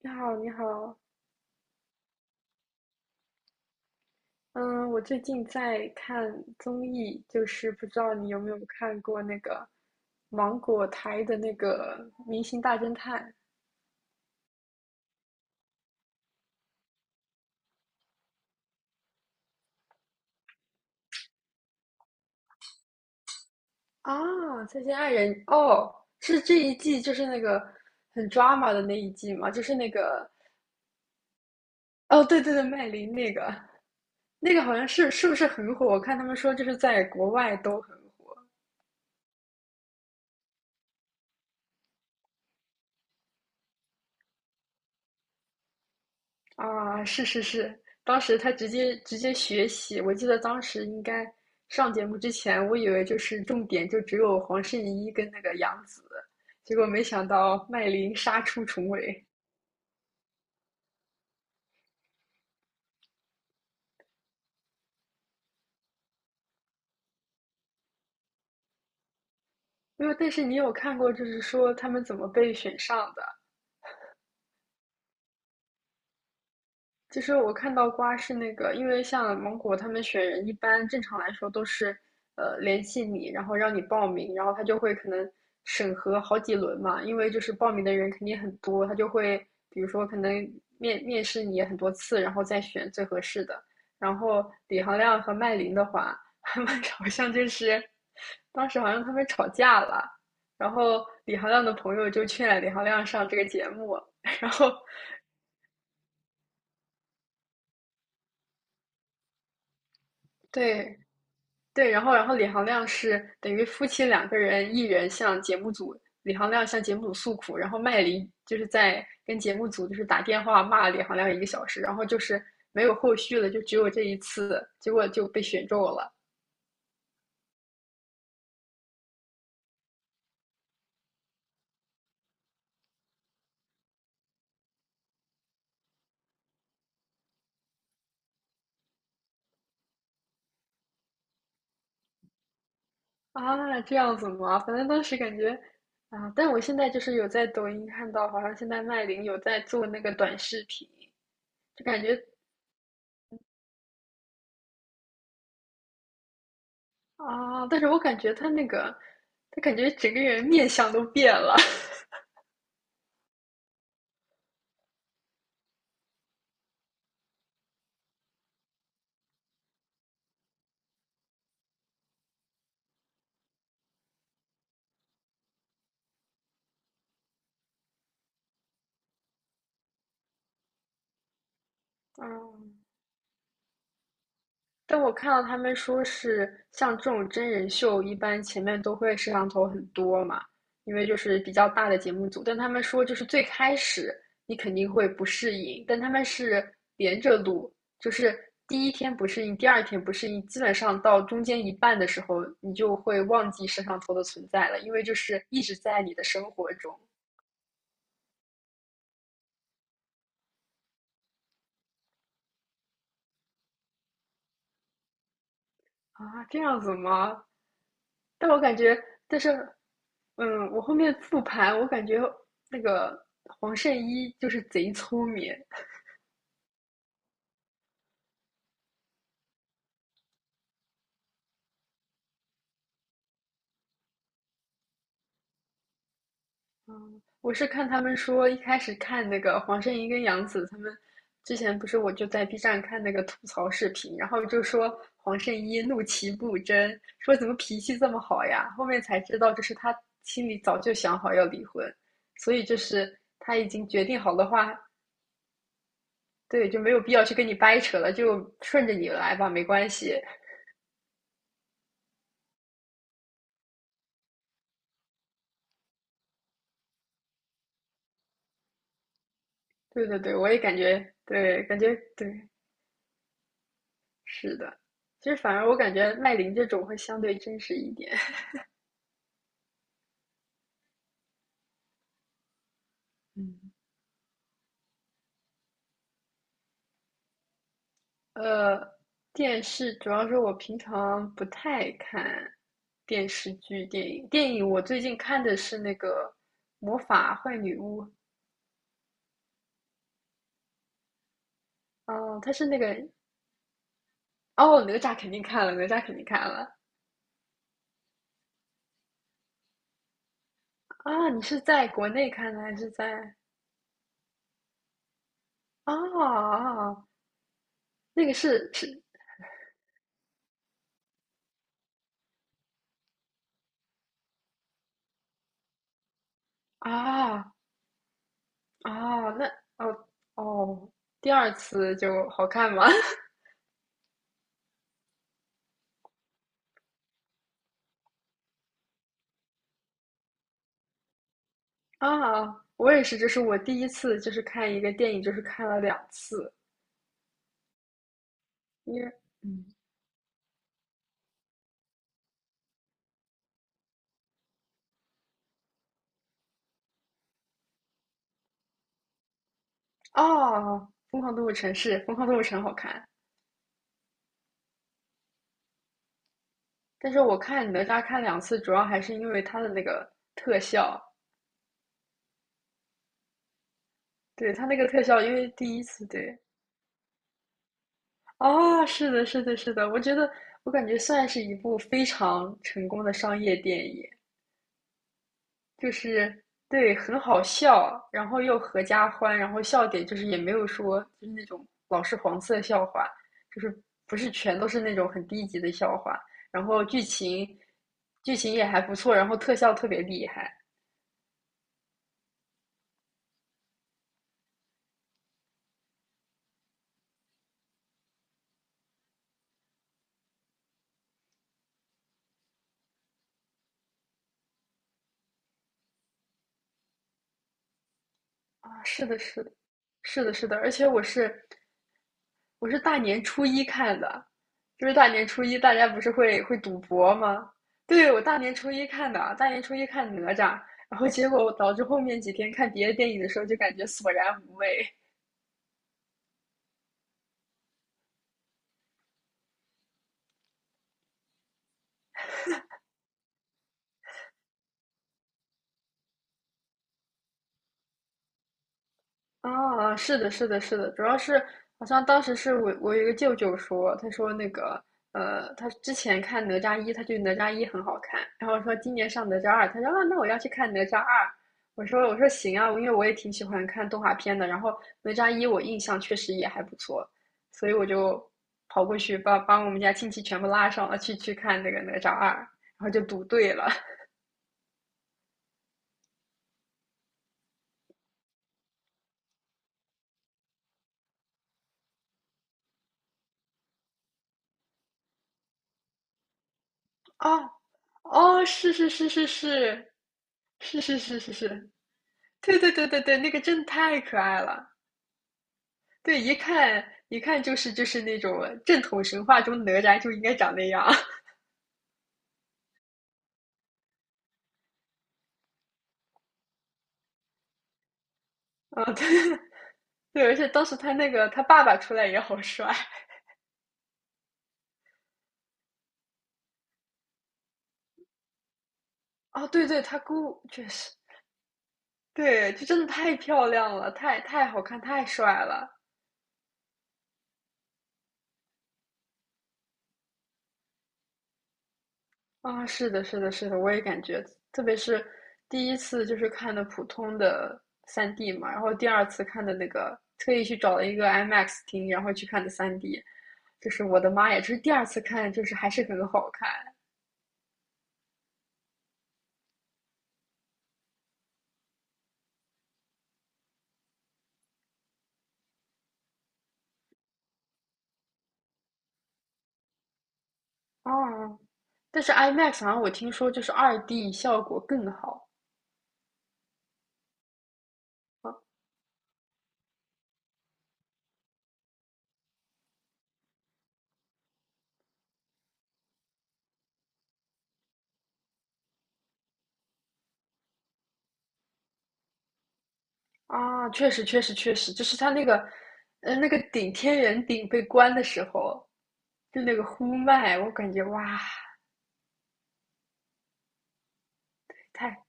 你好，你好，嗯，我最近在看综艺，就是不知道你有没有看过那个芒果台的那个《明星大侦探》啊，《再见爱人》哦，是这一季就是那个很 drama 的那一季嘛，就是那个哦，对对对，麦琳那个那个好像是不是很火？我看他们说就是在国外都很火。啊，是是是，当时他直接学习，我记得当时应该上节目之前，我以为就是重点就只有黄圣依跟那个杨紫，结果没想到麦琳杀出重围。没有，但是你有看过就是说他们怎么被选上的？其实我看到瓜是那个，因为像芒果他们选人，一般正常来说都是，联系你，然后让你报名，然后他就会可能审核好几轮嘛，因为就是报名的人肯定很多，他就会比如说可能面试你很多次，然后再选最合适的。然后李行亮和麦琳的话，他们 好像就是当时好像他们吵架了，然后李行亮的朋友就劝李行亮上这个节目，然后对，对，然后李行亮是等于夫妻两个人，一人向节目组，李行亮向节目组诉苦，然后麦黎就是在跟节目组就是打电话骂李行亮1个小时，然后就是没有后续了，就只有这一次，结果就被选中了啊，这样子吗？反正当时感觉啊，但我现在就是有在抖音看到，好像现在麦琳有在做那个短视频，就感觉啊，但是我感觉她那个，她感觉整个人面相都变了，嗯。但我看到他们说是像这种真人秀，一般前面都会摄像头很多嘛，因为就是比较大的节目组。但他们说就是最开始你肯定会不适应，但他们是连着录，就是第一天不适应，第二天不适应，基本上到中间一半的时候，你就会忘记摄像头的存在了，因为就是一直在你的生活中啊，这样子吗？但我感觉，但是，我后面复盘，我感觉那个黄圣依就是贼聪明。嗯，我是看他们说，一开始看那个黄圣依跟杨紫他们之前不是，我就在 B 站看那个吐槽视频，然后就说黄圣依怒其不争，说怎么脾气这么好呀？后面才知道，就是他心里早就想好要离婚，所以就是他已经决定好的话，对，就没有必要去跟你掰扯了，就顺着你来吧，没关系。对对对，我也感觉，对，感觉对，是的。其实反而我感觉麦琳这种会相对真实一点。嗯 呃，电视主要是我平常不太看电视剧、电影。电影我最近看的是那个《魔法坏女巫》，哦，它是那个哦，哪吒肯定看了，哪吒肯定看了啊！你是在国内看的还是在啊？啊啊那个是啊，哦，那哦哦，第二次就好看吗？啊，我也是，这是我第一次，就是看一个电影，就是看了两次，因为嗯，哦，《疯狂动物城》好看，但是我看哪吒看两次，主要还是因为它的那个特效，对，它那个特效，因为第一次对，哦，是的，是的，是的，我感觉算是一部非常成功的商业电影，就是对，很好笑，然后又合家欢，然后笑点就是也没有说就是那种老是黄色笑话，就是不是全都是那种很低级的笑话，然后剧情也还不错，然后特效特别厉害啊，是的，是的，是的，是的，而且我是大年初一看的，就是大年初一大家不是会赌博吗？对，我大年初一看的，大年初一看哪吒，然后结果导致后面几天看别的电影的时候就感觉索然无味。啊，哦是的，是的，是的，主要是好像当时是我有一个舅舅说，他说那个他之前看哪吒一，他觉得哪吒一很好看，然后说今年上哪吒二，他说啊，那我要去看哪吒二。我说行啊，因为我也挺喜欢看动画片的，然后哪吒一我印象确实也还不错，所以我就跑过去把我们家亲戚全部拉上了去看那个哪吒二，然后就赌对了，哦，哦，是是是是是，是是是是是，对对对对对，那个真的太可爱了，对，一看一看就是那种正统神话中哪吒就应该长那样，啊，对 对，而且当时他那个他爸爸出来也好帅，哦，对对，他姑确实，对，就真的太漂亮了，太好看，太帅了。啊，是的，是的，是的，我也感觉，特别是第一次就是看的普通的三 d 嘛，然后第二次看的那个，特意去找了一个 IMAX 厅，然后去看的三 d 就是我的妈呀，就是第二次看就是还是很好看哦。但是 IMAX 好像我听说就是2D 效果更好啊啊，确实确实确实，就是它那个那个顶天圆顶被关的时候，就那个呼麦，我感觉哇，太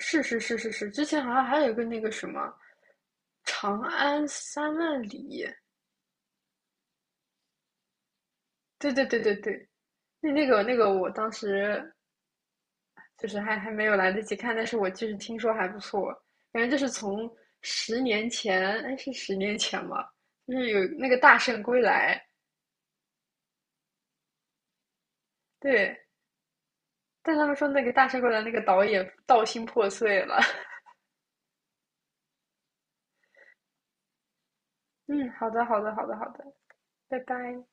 是是是是是，之前好像还有一个那个什么《长安三万里》，对对对对对，那个，我当时就是还没有来得及看，但是我就是听说还不错，反正就是从十年前，哎，是十年前吧，就是有那个《大圣归来》，对，但他们说那个《大圣归来》那个导演道心破碎了。嗯，好的好的好的好的，拜拜。